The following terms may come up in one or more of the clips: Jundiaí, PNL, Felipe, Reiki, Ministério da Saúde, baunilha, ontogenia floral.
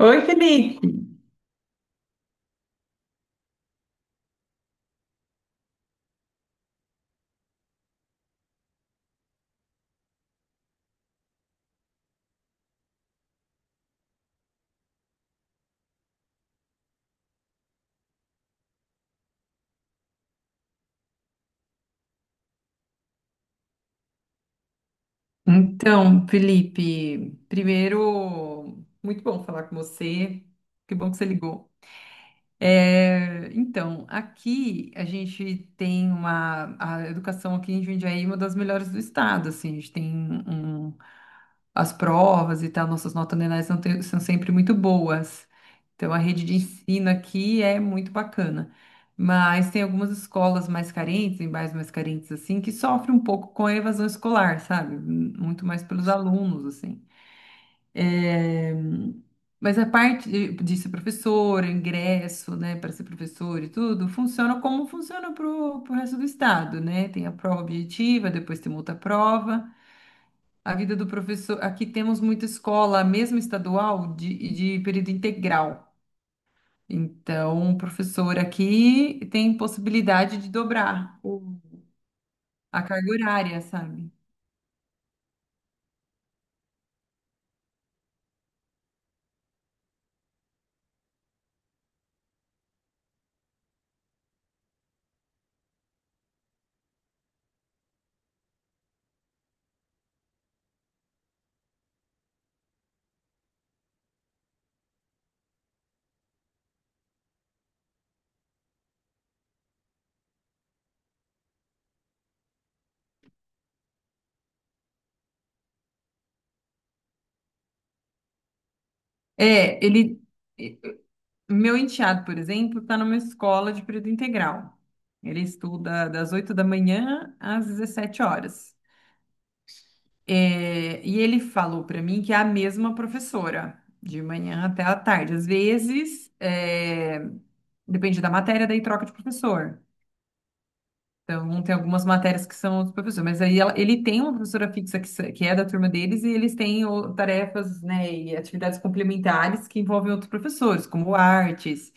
Oi, Felipe. Então, Felipe, primeiro, muito bom falar com você. Que bom. É, então, aqui a gente tem a educação aqui em Jundiaí é uma das melhores do estado, assim, a gente tem as provas e tal, nossas notas anuais são sempre muitas. Então, a rede de ensino aqui é muito bacana, mas tem algumas escolas mais carentes, em bairros mais carentes, assim, que sofrem um pouco com a evasão escolar, sabe? Muito mais pelos alunos, assim. É, mas a parte de ser professor, ingresso, né, para ser professor e tudo, funciona como funciona para o resto do estado, né? Tem a prova objetiva, depois tem outra prova. A vida do professor. Aqui temos muita escola, mesmo estadual, de período integral. Então, o professor aqui tem possibilidade de dobrar a carga horária, sabe? É, ele. Meu enteado, por exemplo, está numa escola de período integral. Ele estuda das 8 da manhã às 17 horas. É, e ele falou para mim que é a mesma professora, de manhã até à tarde. Às vezes, é, depende da matéria, daí troca de professor. Então, tem algumas matérias que são dos professores, mas aí ele tem uma professora fixa que, se- que é da turma deles e eles têm tarefas, né, e atividades complementares que envolvem outros professores, como artes.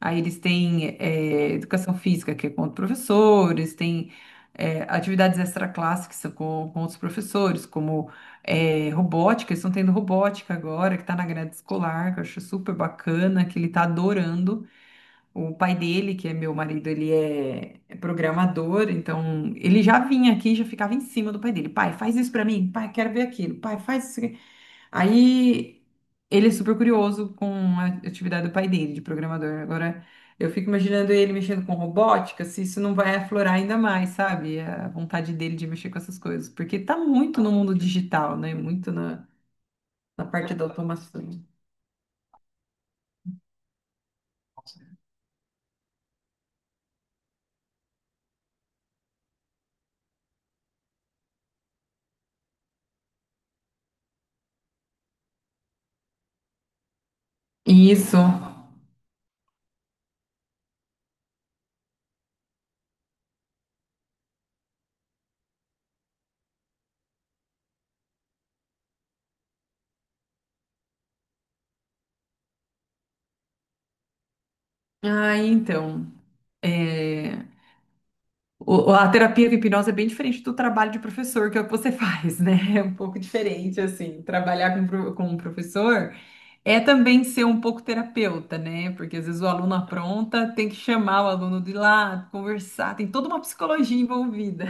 Aí eles têm educação física, que é com outros professores, tem atividades extraclasse, que são com outros professores, como robótica, eles estão tendo robótica agora, que está na grade escolar, que eu acho super bacana, que ele está adorando. O pai dele, que é meu marido, ele é programador, então ele já vinha aqui e já ficava em cima do pai dele. Pai, faz isso pra mim. Pai, quero ver aquilo. Pai, faz isso aqui. Aí ele é super curioso com a atividade do pai dele, de programador. Agora eu fico imaginando ele mexendo com robótica, se isso não vai aflorar ainda mais, sabe? A vontade dele de mexer com essas coisas, porque tá muito no mundo digital, né? Muito na parte da automação. Isso. Ah, então. É, a terapia com hipnose é bem diferente do trabalho de professor, que é o que você faz, né? É um pouco diferente, assim. Trabalhar com um professor é também ser um pouco terapeuta, né? Porque às vezes o aluno apronta, tem que chamar o aluno de lá, conversar, tem toda uma psicologia envolvida.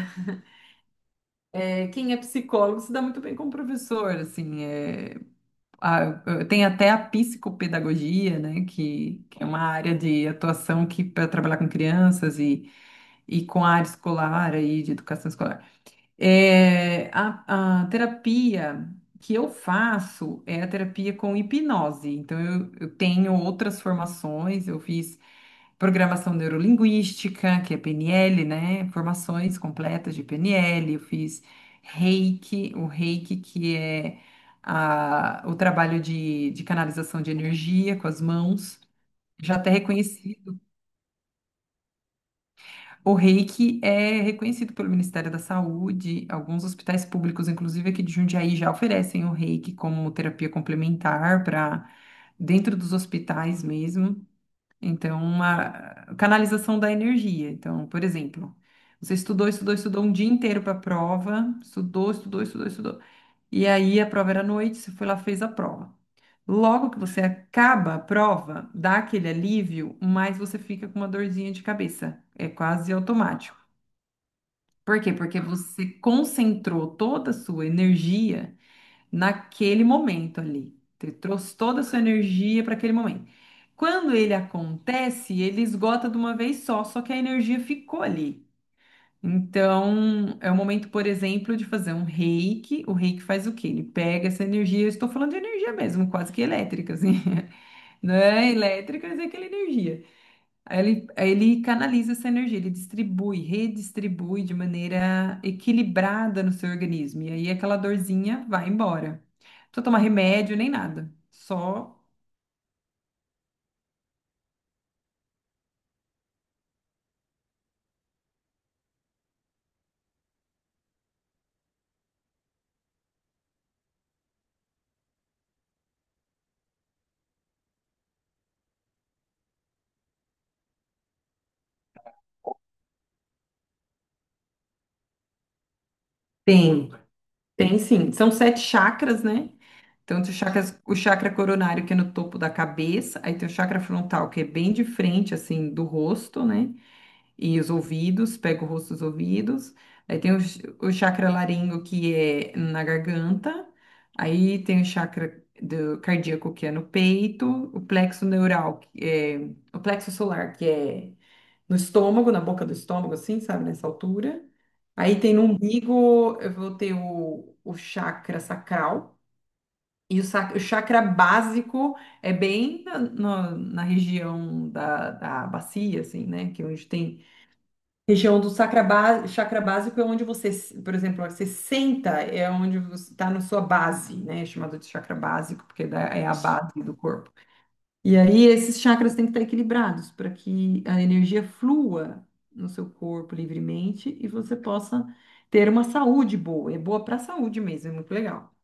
É, quem é psicólogo se dá muito bem com o professor, assim. É, tem até a psicopedagogia, né? Que é uma área de atuação que para trabalhar com crianças e com a área escolar aí de educação escolar. É, a terapia que eu faço é a terapia com hipnose. Então, eu tenho outras formações, eu fiz programação neurolinguística, que é PNL, né? Formações completas de PNL, eu fiz Reiki, o Reiki que é o trabalho de canalização de energia com as mãos. Já até reconheci. O reiki é reconhecido pelo Ministério da Saúde. Alguns hospitais públicos, inclusive aqui de Jundiaí, já oferecem o reiki como terapia complementar para dentro dos hospitais mesmo. Então, uma canalização da energia. Então, por exemplo, você estudou, estudou, estudou um dia inteiro para a prova, estudou, estudou, estudou, estudou. E aí a prova era à noite, você foi lá, fez a prova. Logo que você acaba a prova, dá aquele alívio, mas você fica com uma dorzinha de cabeça. É quase automático. Por quê? Porque você concentrou toda a sua energia naquele momento ali. Você trouxe toda a sua energia para aquele momento. Quando ele acontece, ele esgota de uma vez só, só que a energia ficou ali. Então, é o momento, por exemplo, de fazer um reiki. O reiki faz o quê? Ele pega essa energia, eu estou falando de energia mesmo, quase que elétrica, assim. Não é elétrica, mas é aquela energia. Aí ele canaliza essa energia, ele distribui, redistribui de maneira equilibrada no seu organismo. E aí aquela dorzinha vai embora. Não precisa tomar remédio nem nada. Só tem, tem sim. São 7 chakras, né? Então, tem o chakra coronário, que é no topo da cabeça, aí tem o chakra frontal, que é bem de frente, assim, do rosto, né? E os ouvidos, pega o rosto dos ouvidos. Aí tem o chakra laringo, que é na garganta. Aí tem o chakra do cardíaco, que é no peito. O plexo neural, que é o plexo solar, que é no estômago, na boca do estômago, assim, sabe, nessa altura. Aí tem no umbigo, eu vou ter o chakra sacral. E o chakra básico é bem na região da bacia, assim, né? Que é onde tem. Região do sacra ba- chakra básico é onde você, por exemplo, ó, você senta, é onde você está na sua base, né? É chamado de chakra básico, porque é é a base do corpo. E aí esses chakras têm que estar equilibrados para que a energia flua no seu corpo livremente e você possa ter uma saúde boa. É boa para a saúde mesmo, é muito legal.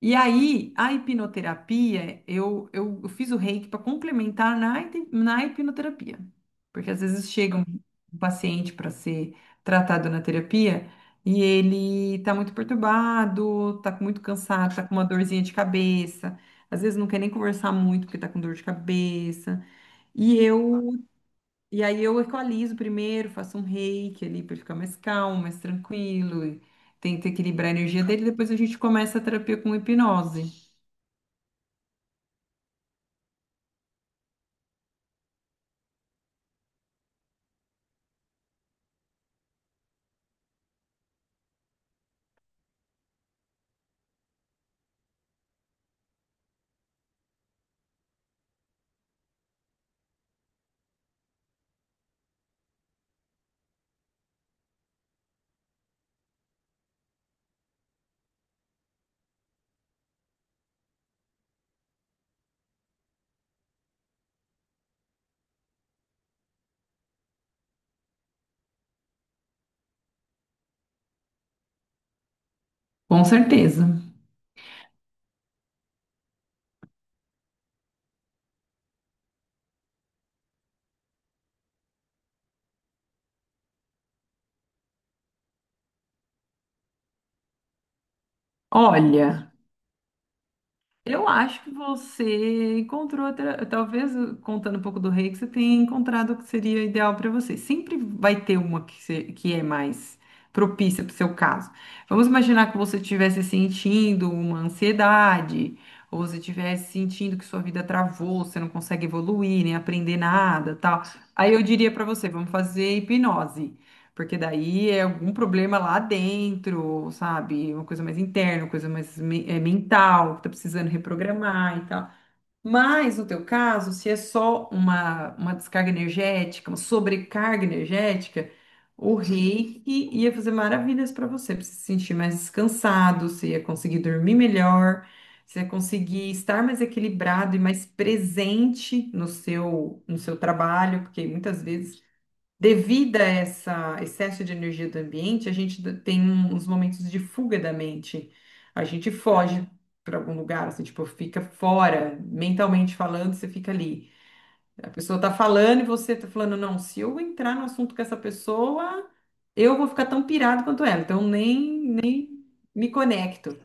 E aí, a hipnoterapia, eu fiz o reiki para complementar na hipnoterapia. Porque às vezes chega um paciente para ser tratado na terapia e ele tá muito perturbado, muito cansado, tá com uma dorzinha de cabeça. Às vezes não quer nem conversar muito porque tá com dor de cabeça. E eu, e aí eu equalizo primeiro, faço um reiki ali para ele ficar mais calmo, mais tranquilo, e tento equilibrar a energia dele, depois a gente começa a terapia com hipnose. Com certeza. Olha, eu acho que você encontrou, talvez contando um pouco do rei, que você tenha encontrado o que seria ideal para você. Sempre vai ter uma que, se- que é mais propícia para o seu caso. Vamos imaginar que você estivesse sentindo uma ansiedade, ou você estivesse sentindo que sua vida travou, você não consegue evoluir, nem aprender nada, tal. Aí eu diria para você, vamos fazer hipnose. Porque daí é algum problema lá dentro, sabe? Uma coisa mais interna, uma coisa mais mental, que tá precisando reprogramar e tal. Mas no teu caso, se é só uma descarga energética, uma sobrecarga energética, o reiki ia fazer maravilhas para você, pra você se sentir mais descansado, você ia conseguir dormir melhor, você ia conseguir estar mais equilibrado e mais presente no no seu trabalho, porque muitas vezes devido a essa excesso de energia do ambiente, a gente tem uns momentos de fuga da mente. A gente foge para algum lugar, assim, tipo, fica fora, mentalmente falando, você fica ali. A pessoa tá falando e você tá falando, não, se eu entrar no assunto com essa pessoa, eu vou ficar tão pirado quanto ela, então nem me conecto.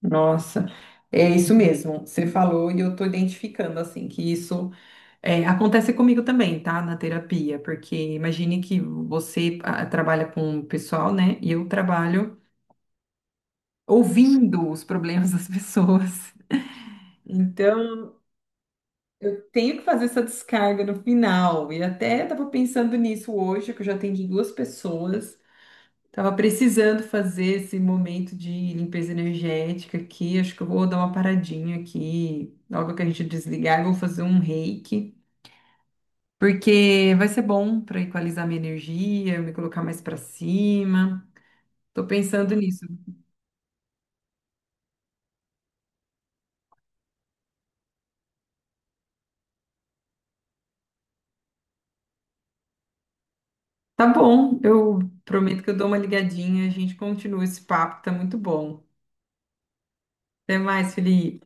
Nossa, é isso mesmo. Você falou e eu tô identificando, assim, que isso. É, acontece comigo também, tá? Na terapia, porque imagine que você trabalha com o pessoal, né? E eu trabalho ouvindo os problemas das pessoas. Então, tenho que fazer essa descarga no final. E até estava pensando nisso hoje, que eu já atendi 2 pessoas. Estava precisando fazer esse momento de limpeza energética aqui. Acho que eu vou dar uma paradinha aqui. Logo que a gente desligar, eu vou fazer um reiki. Porque vai ser bom para equalizar minha energia, me colocar mais para cima. Tô pensando nisso. Tá bom, eu prometo que eu dou uma ligadinha, a gente continua esse papo, tá muito bom. Até mais, Felipe.